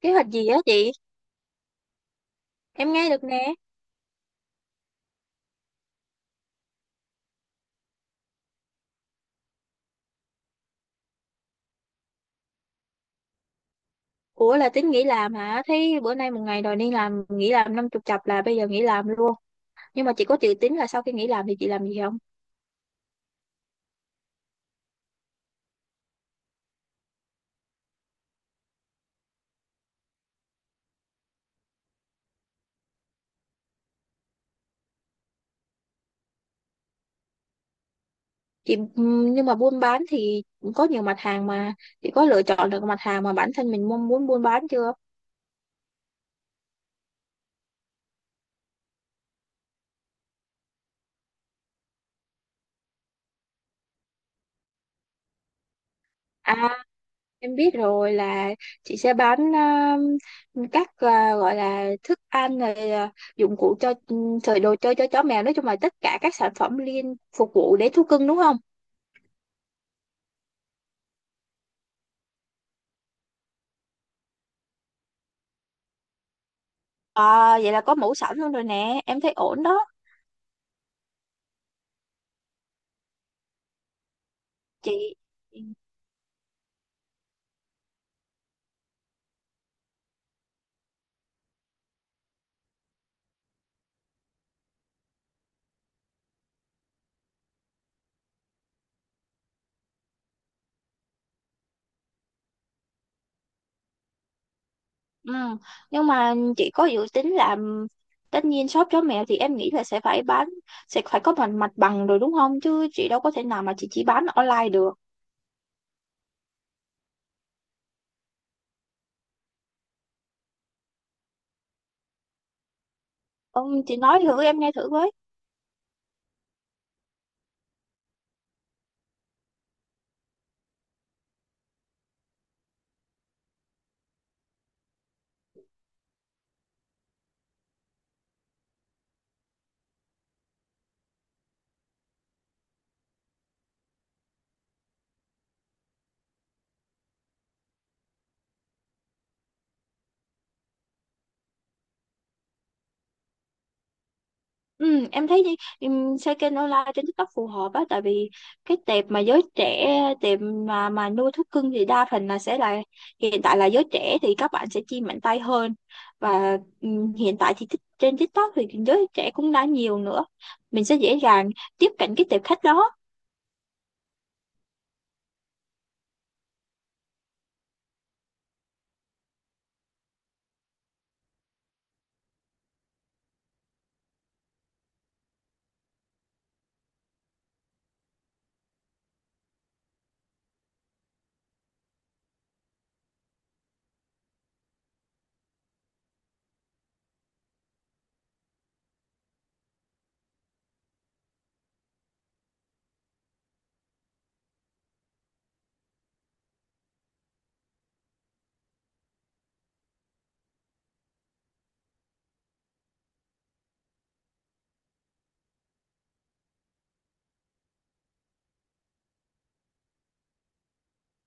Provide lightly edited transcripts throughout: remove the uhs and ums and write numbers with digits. Kế hoạch gì á chị? Em nghe được nè. Ủa là tính nghỉ làm hả? Thấy bữa nay một ngày đòi đi làm, nghỉ làm năm chục chập là bây giờ nghỉ làm luôn. Nhưng mà chị có dự tính là sau khi nghỉ làm thì chị làm gì không? Chị nhưng mà buôn bán thì cũng có nhiều mặt hàng mà chị có lựa chọn được mặt hàng mà bản thân mình mong muốn buôn bán chưa? À, em biết rồi là chị sẽ bán các gọi là thức ăn rồi à, dụng cụ cho rồi đồ chơi cho chó mèo, nói chung là tất cả các sản phẩm liên phục vụ để thú cưng đúng không? À, vậy là có mũ sẵn luôn rồi nè, em thấy ổn đó chị. Ừ. Nhưng mà chị có dự tính làm tất nhiên shop chó mèo thì em nghĩ là sẽ phải bán, sẽ phải có mặt mặt bằng rồi đúng không, chứ chị đâu có thể nào mà chị chỉ bán online được. Ông chị nói thử em nghe thử với. Ừ, em thấy xây kênh online trên TikTok phù hợp á, tại vì cái tệp mà giới trẻ, tệp mà nuôi thú cưng thì đa phần là sẽ là hiện tại là giới trẻ thì các bạn sẽ chi mạnh tay hơn, và hiện tại thì trên TikTok thì giới trẻ cũng đã nhiều nữa, mình sẽ dễ dàng tiếp cận cái tệp khách đó.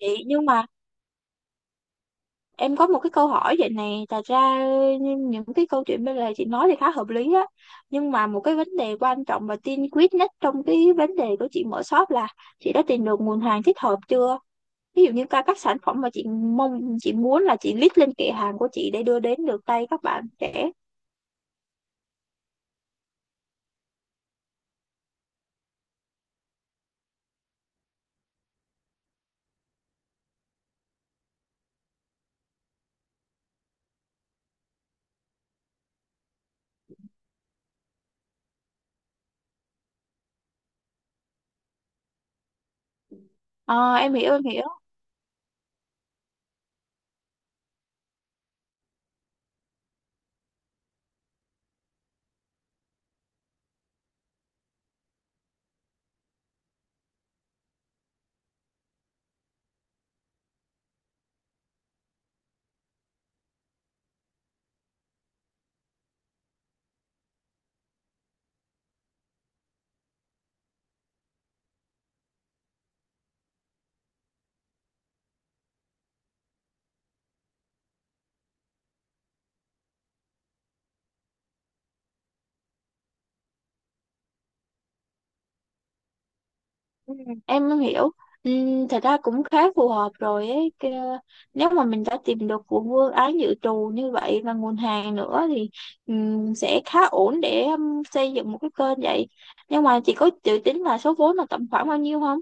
Vậy nhưng mà em có một cái câu hỏi vậy này, thật ra những cái câu chuyện bên lề chị nói thì khá hợp lý á, nhưng mà một cái vấn đề quan trọng và tiên quyết nhất trong cái vấn đề của chị mở shop là chị đã tìm được nguồn hàng thích hợp chưa? Ví dụ như các sản phẩm mà chị mong, chị muốn là chị list lên kệ hàng của chị để đưa đến được tay các bạn trẻ. Ờ, em hiểu em hiểu. Ừ, em hiểu, ừ, thật ra cũng khá phù hợp rồi ấy. Nếu mà mình đã tìm được của vương ái dự trù như vậy và nguồn hàng nữa thì sẽ khá ổn để xây dựng một cái kênh vậy, nhưng mà chị có dự tính là số vốn là tầm khoảng bao nhiêu không?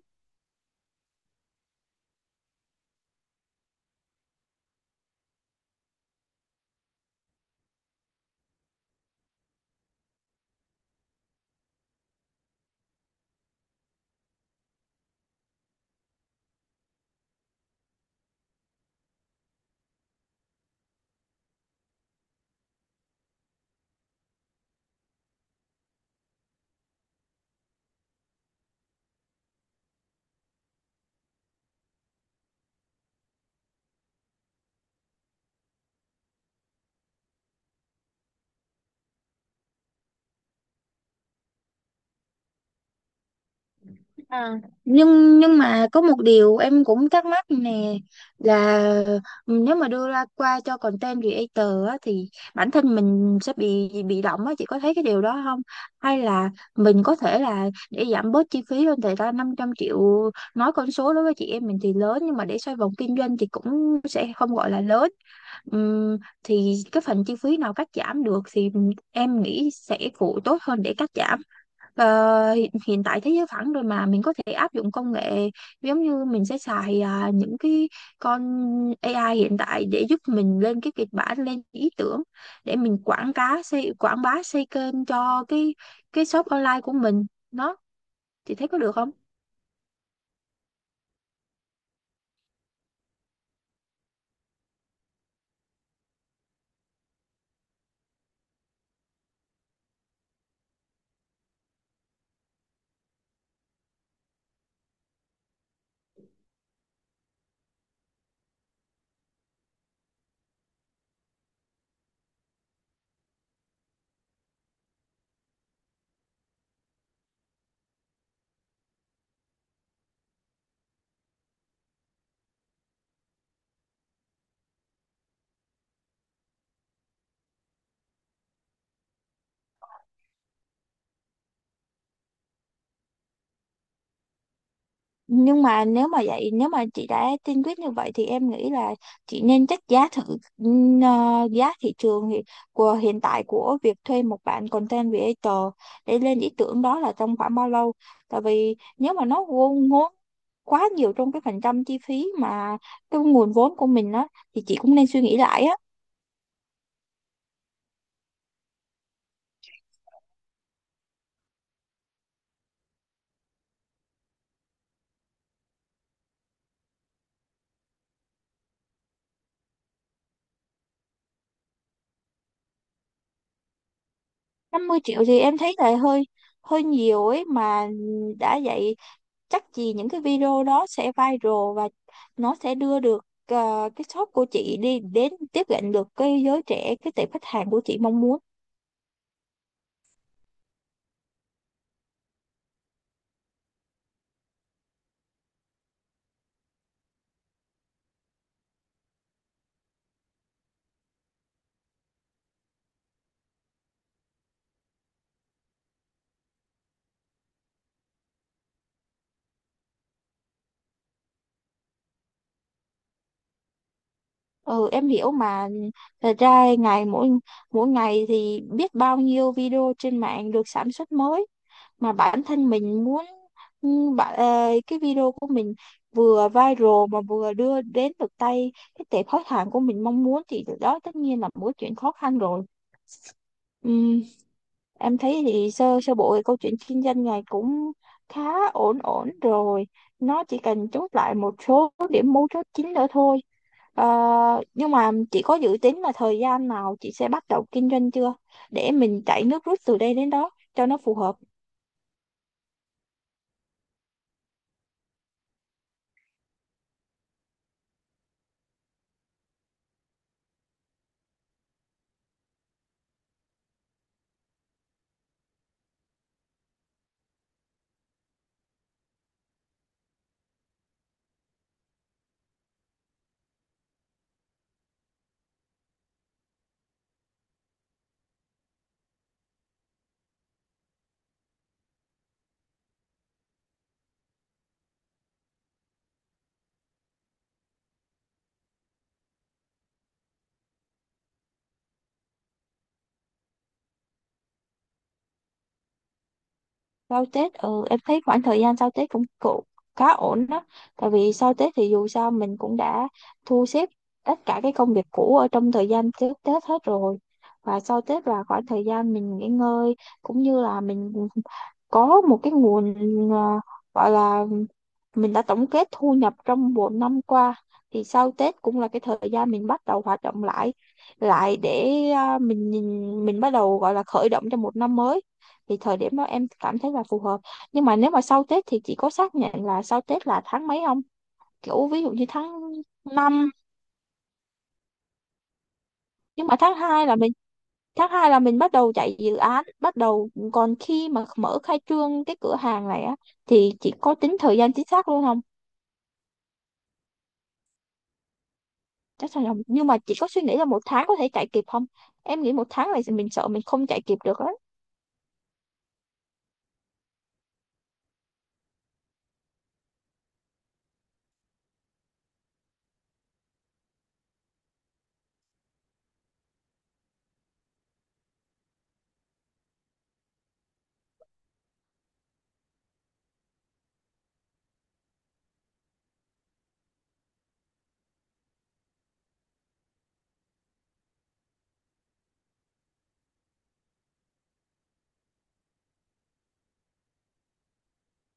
À, nhưng mà có một điều em cũng thắc mắc nè, là nếu mà đưa ra qua cho content creator á, thì bản thân mình sẽ bị động á, chị có thấy cái điều đó không, hay là mình có thể là để giảm bớt chi phí lên thì ra 500 triệu, nói con số đối với chị em mình thì lớn, nhưng mà để xoay vòng kinh doanh thì cũng sẽ không gọi là lớn. Ừm, thì cái phần chi phí nào cắt giảm được thì em nghĩ sẽ phụ tốt hơn để cắt giảm. Ờ, hiện tại thế giới phẳng rồi mà, mình có thể áp dụng công nghệ, giống như mình sẽ xài những cái con AI hiện tại để giúp mình lên cái kịch bản, lên ý tưởng, để mình quảng cá xây quảng bá xây kênh cho cái shop online của mình nó, thì thấy có được không? Nhưng mà nếu mà vậy, nếu mà chị đã tiên quyết như vậy thì em nghĩ là chị nên check giá thử, giá thị trường thì của hiện tại của việc thuê một bạn content creator để lên ý tưởng đó là trong khoảng bao lâu, tại vì nếu mà nó ngốn ngốn quá nhiều trong cái phần trăm chi phí mà cái nguồn vốn của mình á, thì chị cũng nên suy nghĩ lại á. Năm mươi triệu thì em thấy là hơi hơi nhiều ấy mà, đã vậy chắc gì những cái video đó sẽ viral, và nó sẽ đưa được ờ, cái shop của chị đi đến tiếp cận được cái giới trẻ, cái tệp khách hàng của chị mong muốn. Ừ em hiểu mà, thật ra ngày mỗi mỗi ngày thì biết bao nhiêu video trên mạng được sản xuất mới, mà bản thân mình muốn ừ, cái video của mình vừa viral mà vừa đưa đến được tay cái tệp khách hàng của mình mong muốn thì đó tất nhiên là một chuyện khó khăn rồi. Ừ, em thấy thì sơ sơ bộ thì câu chuyện kinh doanh này cũng khá ổn ổn rồi. Nó chỉ cần chốt lại một số điểm mấu chốt chính nữa thôi. Ờ, nhưng mà chị có dự tính là thời gian nào chị sẽ bắt đầu kinh doanh chưa? Để mình chạy nước rút từ đây đến đó cho nó phù hợp. Sau Tết, ừ em thấy khoảng thời gian sau Tết cũng cũng khá ổn đó, tại vì sau Tết thì dù sao mình cũng đã thu xếp tất cả cái công việc cũ ở trong thời gian trước Tết hết rồi, và sau Tết là khoảng thời gian mình nghỉ ngơi, cũng như là mình có một cái nguồn à, gọi là mình đã tổng kết thu nhập trong một năm qua, thì sau Tết cũng là cái thời gian mình bắt đầu hoạt động lại, để mình nhìn mình bắt đầu gọi là khởi động cho một năm mới, thì thời điểm đó em cảm thấy là phù hợp. Nhưng mà nếu mà sau Tết thì chị có xác nhận là sau Tết là tháng mấy không, kiểu ví dụ như tháng năm. Nhưng mà tháng 2 là mình bắt đầu chạy dự án bắt đầu, còn khi mà mở khai trương cái cửa hàng này á thì chị có tính thời gian chính xác luôn không? Chắc chắn là, nhưng mà chị có suy nghĩ là một tháng có thể chạy kịp không? Em nghĩ một tháng này thì mình sợ mình không chạy kịp được á.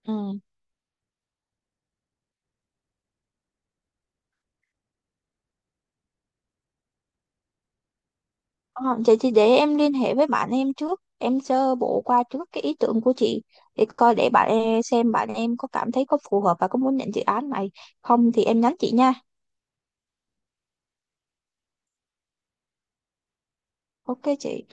Ừ. Ờ, vậy thì để em liên hệ với bạn em trước, em sơ bộ qua trước cái ý tưởng của chị để coi, để bạn em xem bạn em có cảm thấy có phù hợp và có muốn nhận dự án này không thì em nhắn chị nha. Ok chị.